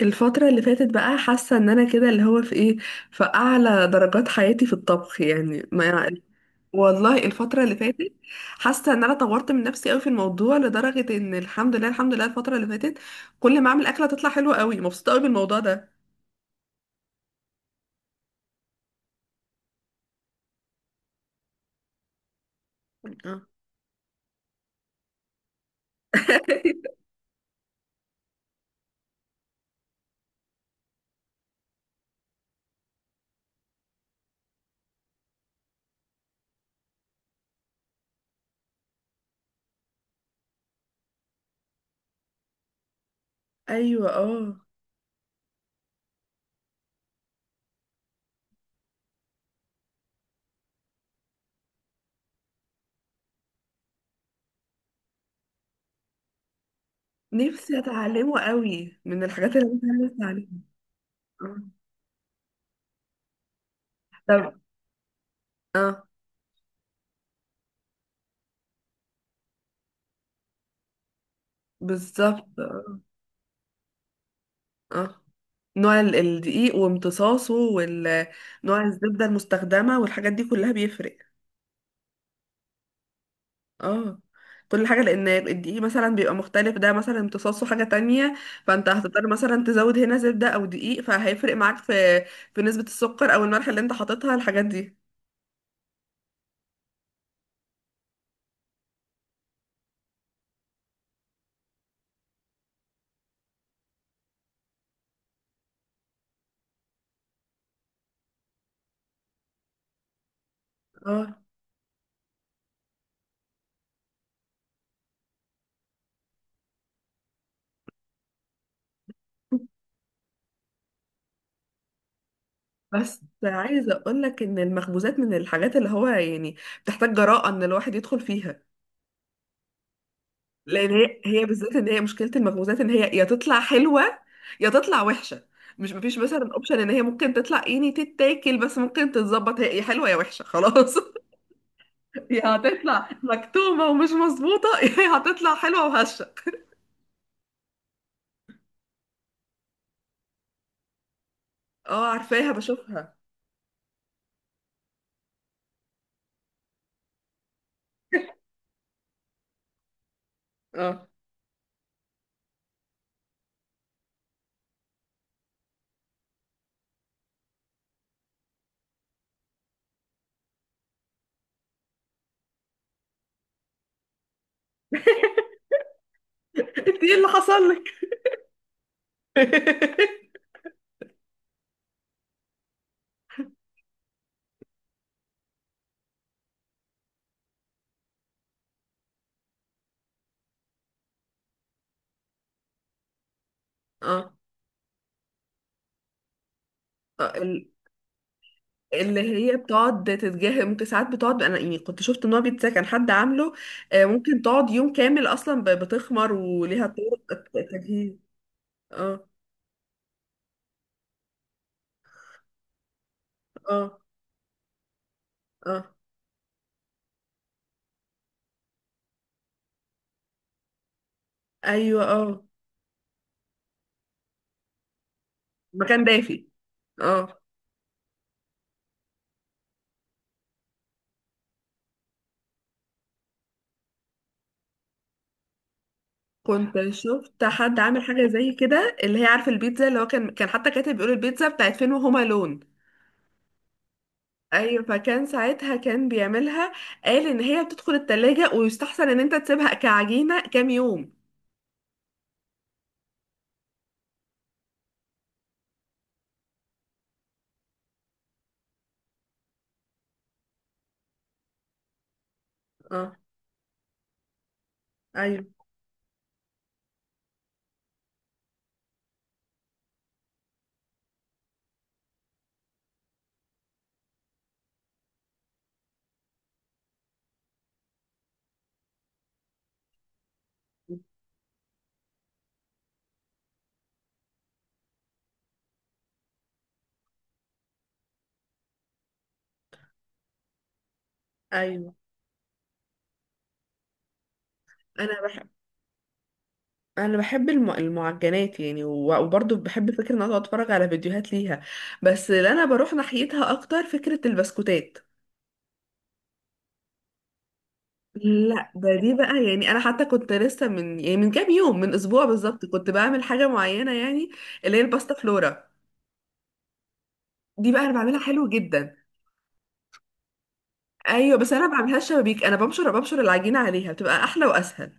الفترة اللي فاتت بقى حاسة ان انا كده اللي هو في ايه، في اعلى درجات حياتي في الطبخ يعني ما. والله الفترة اللي فاتت حاسة ان انا طورت من نفسي قوي في الموضوع، لدرجة ان الحمد لله الحمد لله الفترة اللي فاتت كل ما اعمل اكلة تطلع حلوة قوي، مبسوطة قوي بالموضوع ده. آه. ايوه، اه. نفسي اتعلمه قوي، من الحاجات اللي انا نفسي اتعلمها. آه. طب. اه. بالظبط. اه، نوع الدقيق وامتصاصه، ونوع الزبدة المستخدمة، والحاجات دي كلها بيفرق. اه، كل حاجة، لأن الدقيق مثلا بيبقى مختلف، ده مثلا امتصاصه حاجة تانية، فانت هتضطر مثلا تزود هنا زبدة أو دقيق، فهيفرق معاك في نسبة السكر أو الملح اللي انت حاططها، الحاجات دي. اه. بس عايزة أقولك إن المخبوزات من الحاجات اللي هو يعني بتحتاج جراءة إن الواحد يدخل فيها. لان هي بالذات ان هي مشكله المخبوزات، ان هي يا تطلع حلوه يا تطلع وحشه. مش مفيش مثلا اوبشن ان هي ممكن تطلع يعني تتاكل، بس ممكن تتظبط، هي يا حلوه يا وحشه خلاص. يا هتطلع مكتومه ومش مظبوطه، يا هتطلع حلوه وهشه. اه، عارفاها بشوفها. اه. انت ايه اللي حصل لك؟ اه، آه، اللي هي بتقعد تتجاهل ممكن ساعات بتقعد، انا يعني كنت شفت ان هو بيتزا كان حد عامله. آه، ممكن تقعد يوم كامل اصلا بتخمر، وليها طرق تجهيز. اه، اه، اه، ايوه، اه، مكان دافي. اه، كنت شفت حد عامل حاجه زي كده، اللي هي عارفه البيتزا، اللي هو كان حتى كاتب بيقول البيتزا بتاعت فين، وهما لون. ايوه، فكان ساعتها كان بيعملها، قال ان هي بتدخل التلاجة، ويستحسن ان انت تسيبها كعجينه كام يوم. اه، ايوه، ايوه، انا بحب انا بحب المعجنات يعني، وبرضه بحب فكره ان انا أقعد اتفرج على فيديوهات ليها. بس اللي انا بروح ناحيتها اكتر فكره البسكوتات. لا، دي بقى يعني، انا حتى كنت لسه من يعني من كام يوم، من اسبوع بالظبط كنت بعمل حاجه معينه يعني، اللي هي الباستا فلورا. دي بقى انا بعملها حلو جدا. ايوه، بس انا ما بعملهاش شبابيك، انا بمشر العجينه عليها، بتبقى احلى واسهل.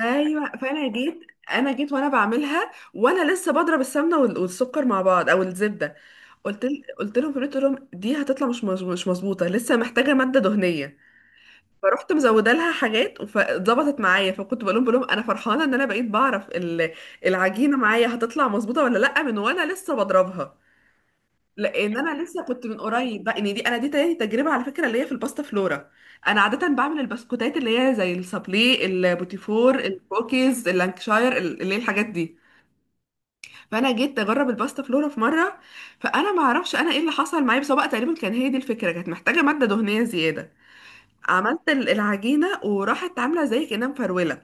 ايوه، فانا جيت وانا بعملها وانا لسه بضرب السمنه والسكر مع بعض او الزبده. قلت لهم في البيت، قلت لهم دي هتطلع مش مظبوطه، لسه محتاجه ماده دهنيه. فرحت مزوده لها حاجات فظبطت معايا، فكنت بقول لهم انا فرحانه ان انا بقيت بعرف العجينه معايا هتطلع مظبوطه ولا لا من وانا لسه بضربها. لان انا لسه كنت من قريب بقى، ان دي انا دي تاني تجربه على فكره اللي هي في الباستا فلورا. انا عاده بعمل البسكوتات اللي هي زي السابلي، البوتيفور، الكوكيز، اللانكشاير، اللي هي الحاجات دي. فانا جيت اجرب الباستا فلورا في مره، فانا ما اعرفش انا ايه اللي حصل معايا، بس هو بقى تقريبا كان هي دي الفكره، كانت محتاجه ماده دهنيه زياده. عملت العجينة وراحت عاملة زي كأنها مفرولة.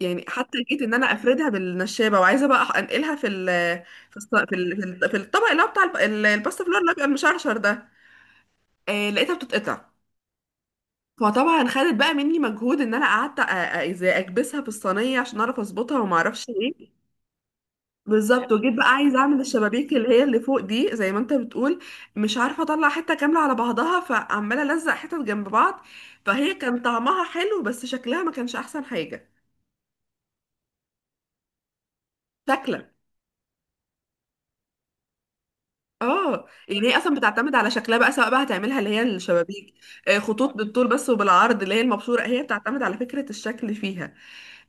يعني حتى جيت ان انا افردها بالنشابة، وعايزة بقى انقلها في الطبق اللي هو بتاع الباستا فلور، اللي هو بيبقى المشرشر ده. آه لقيتها بتتقطع. فطبعا خدت بقى مني مجهود، ان انا قعدت ازاي اكبسها في الصينية عشان اعرف اظبطها وما اعرفش ايه. بالظبط. وجيت بقى عايزة اعمل الشبابيك اللي هي اللي فوق دي زي ما انت بتقول، مش عارفة اطلع حتة كاملة على بعضها، فعمالة الزق حتت جنب بعض. فهي كان طعمها حلو بس شكلها ما كانش احسن حاجة. شكلا، اه يعني هي اصلا بتعتمد على شكلها بقى، سواء بقى هتعملها اللي هي الشبابيك، آه، خطوط بالطول بس وبالعرض اللي هي المبشوره، هي بتعتمد على فكره الشكل فيها.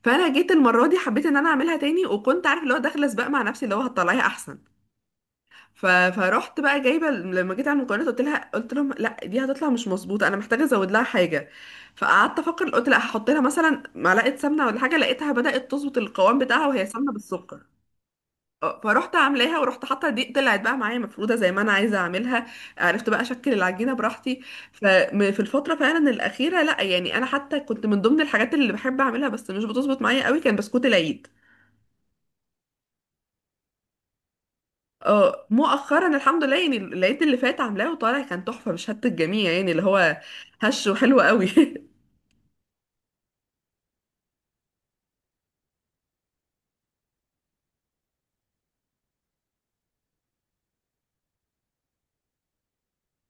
فانا جيت المره دي حبيت ان انا اعملها تاني، وكنت عارف اللي هو داخله سباق مع نفسي اللي هو هتطلعيها احسن. فرحت بقى جايبه، لما جيت على المكونات قلت لهم لا دي هتطلع مش مظبوطه، انا محتاجه ازود لها حاجه. فقعدت افكر، قلت لا هحط لها مثلا معلقه سمنه ولا حاجه، لقيتها بدات تظبط القوام بتاعها وهي سمنه بالسكر. اه، فروحت عاملاها ورحت حاطه دي، طلعت بقى معايا مفروده زي ما انا عايزه اعملها، عرفت بقى اشكل العجينه براحتي. ففي الفتره فعلا الاخيره، لا يعني انا حتى كنت من ضمن الحاجات اللي بحب اعملها بس مش بتظبط معايا قوي، كان بسكوت العيد. اه، مؤخرا الحمد لله، يعني العيد اللي فات عاملاه وطالع كان تحفه، مش هت الجميع يعني، اللي هو هش وحلو قوي.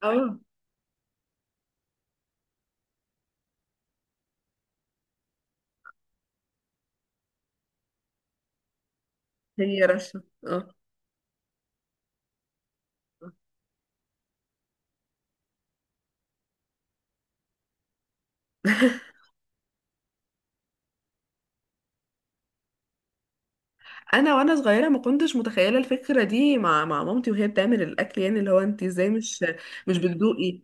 اه، هي رشه، اه. انا وانا صغيره ما كنتش متخيله الفكره دي مع مامتي وهي بتعمل الاكل، يعني اللي هو انت ازاي مش بتدوقي؟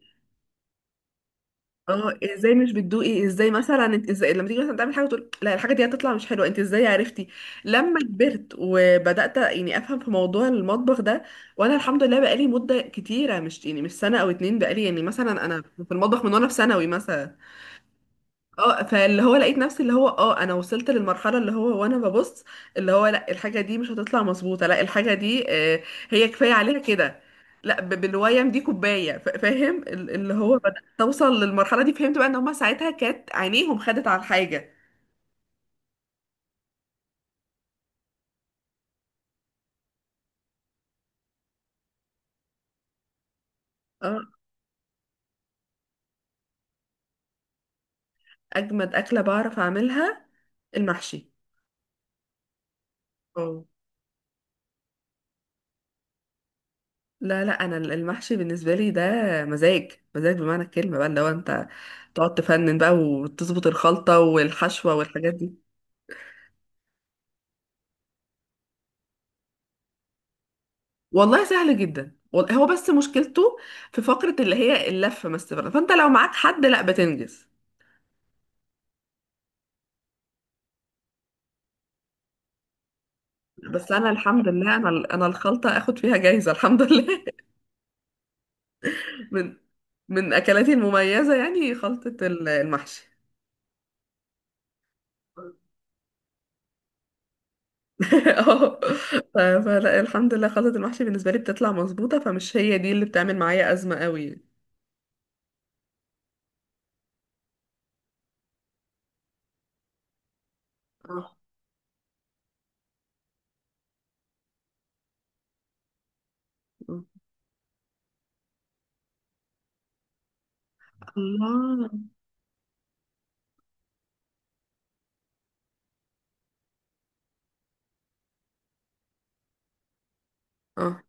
اه، ازاي مش بتدوقي؟ ازاي مثلا انت، ازاي لما تيجي مثلا تعمل حاجه تقول لا الحاجه دي هتطلع مش حلوه؟ انت ازاي عرفتي لما كبرت وبدات يعني افهم في موضوع المطبخ ده؟ وانا الحمد لله بقالي مده كتيره، مش يعني مش سنه او اتنين، بقالي يعني مثلا انا في المطبخ من وانا في ثانوي مثلا. اه، فاللي هو لقيت نفسي اللي هو، اه انا وصلت للمرحله اللي هو وانا ببص، اللي هو لا الحاجه دي مش هتطلع مظبوطه، لا الحاجه دي آه، هي كفايه عليها كده، لا بالويم دي كوبايه، فاهم، اللي هو بدأت توصل للمرحله دي، فهمت بقى ان هما ساعتها كانت عينيهم خدت على الحاجه. اه. اجمد اكله بعرف اعملها المحشي. اه، لا لا، انا المحشي بالنسبه لي ده مزاج، مزاج بمعنى الكلمه بقى، اللي هو انت تقعد تفنن بقى وتظبط الخلطه والحشوه والحاجات دي. والله سهل جدا، هو بس مشكلته في فقرة اللي هي اللفة، ما استفرد، فانت لو معاك حد لا بتنجز. بس انا الحمد لله، انا الخلطة اخد فيها جايزة الحمد لله. من من اكلاتي المميزة يعني، خلطة المحشي. اه، فلا الحمد لله خلطة المحشي بالنسبة لي بتطلع مظبوطة، فمش هي دي اللي بتعمل معايا أزمة قوي يعني. اه. آه. الله. اه،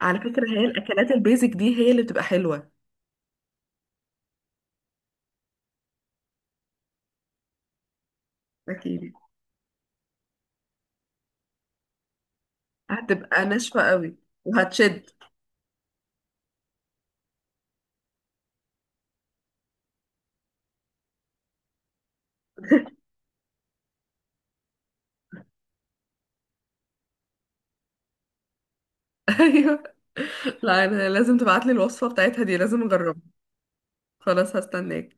على فكرة هي الأكلات البيزك دي هي اللي بتبقى حلوة. أكيد. هتبقى ناشفة قوي وهتشد. ايوه. لا، انا لازم تبعتلي الوصفة بتاعتها دي، لازم اجربها. خلاص هستناك.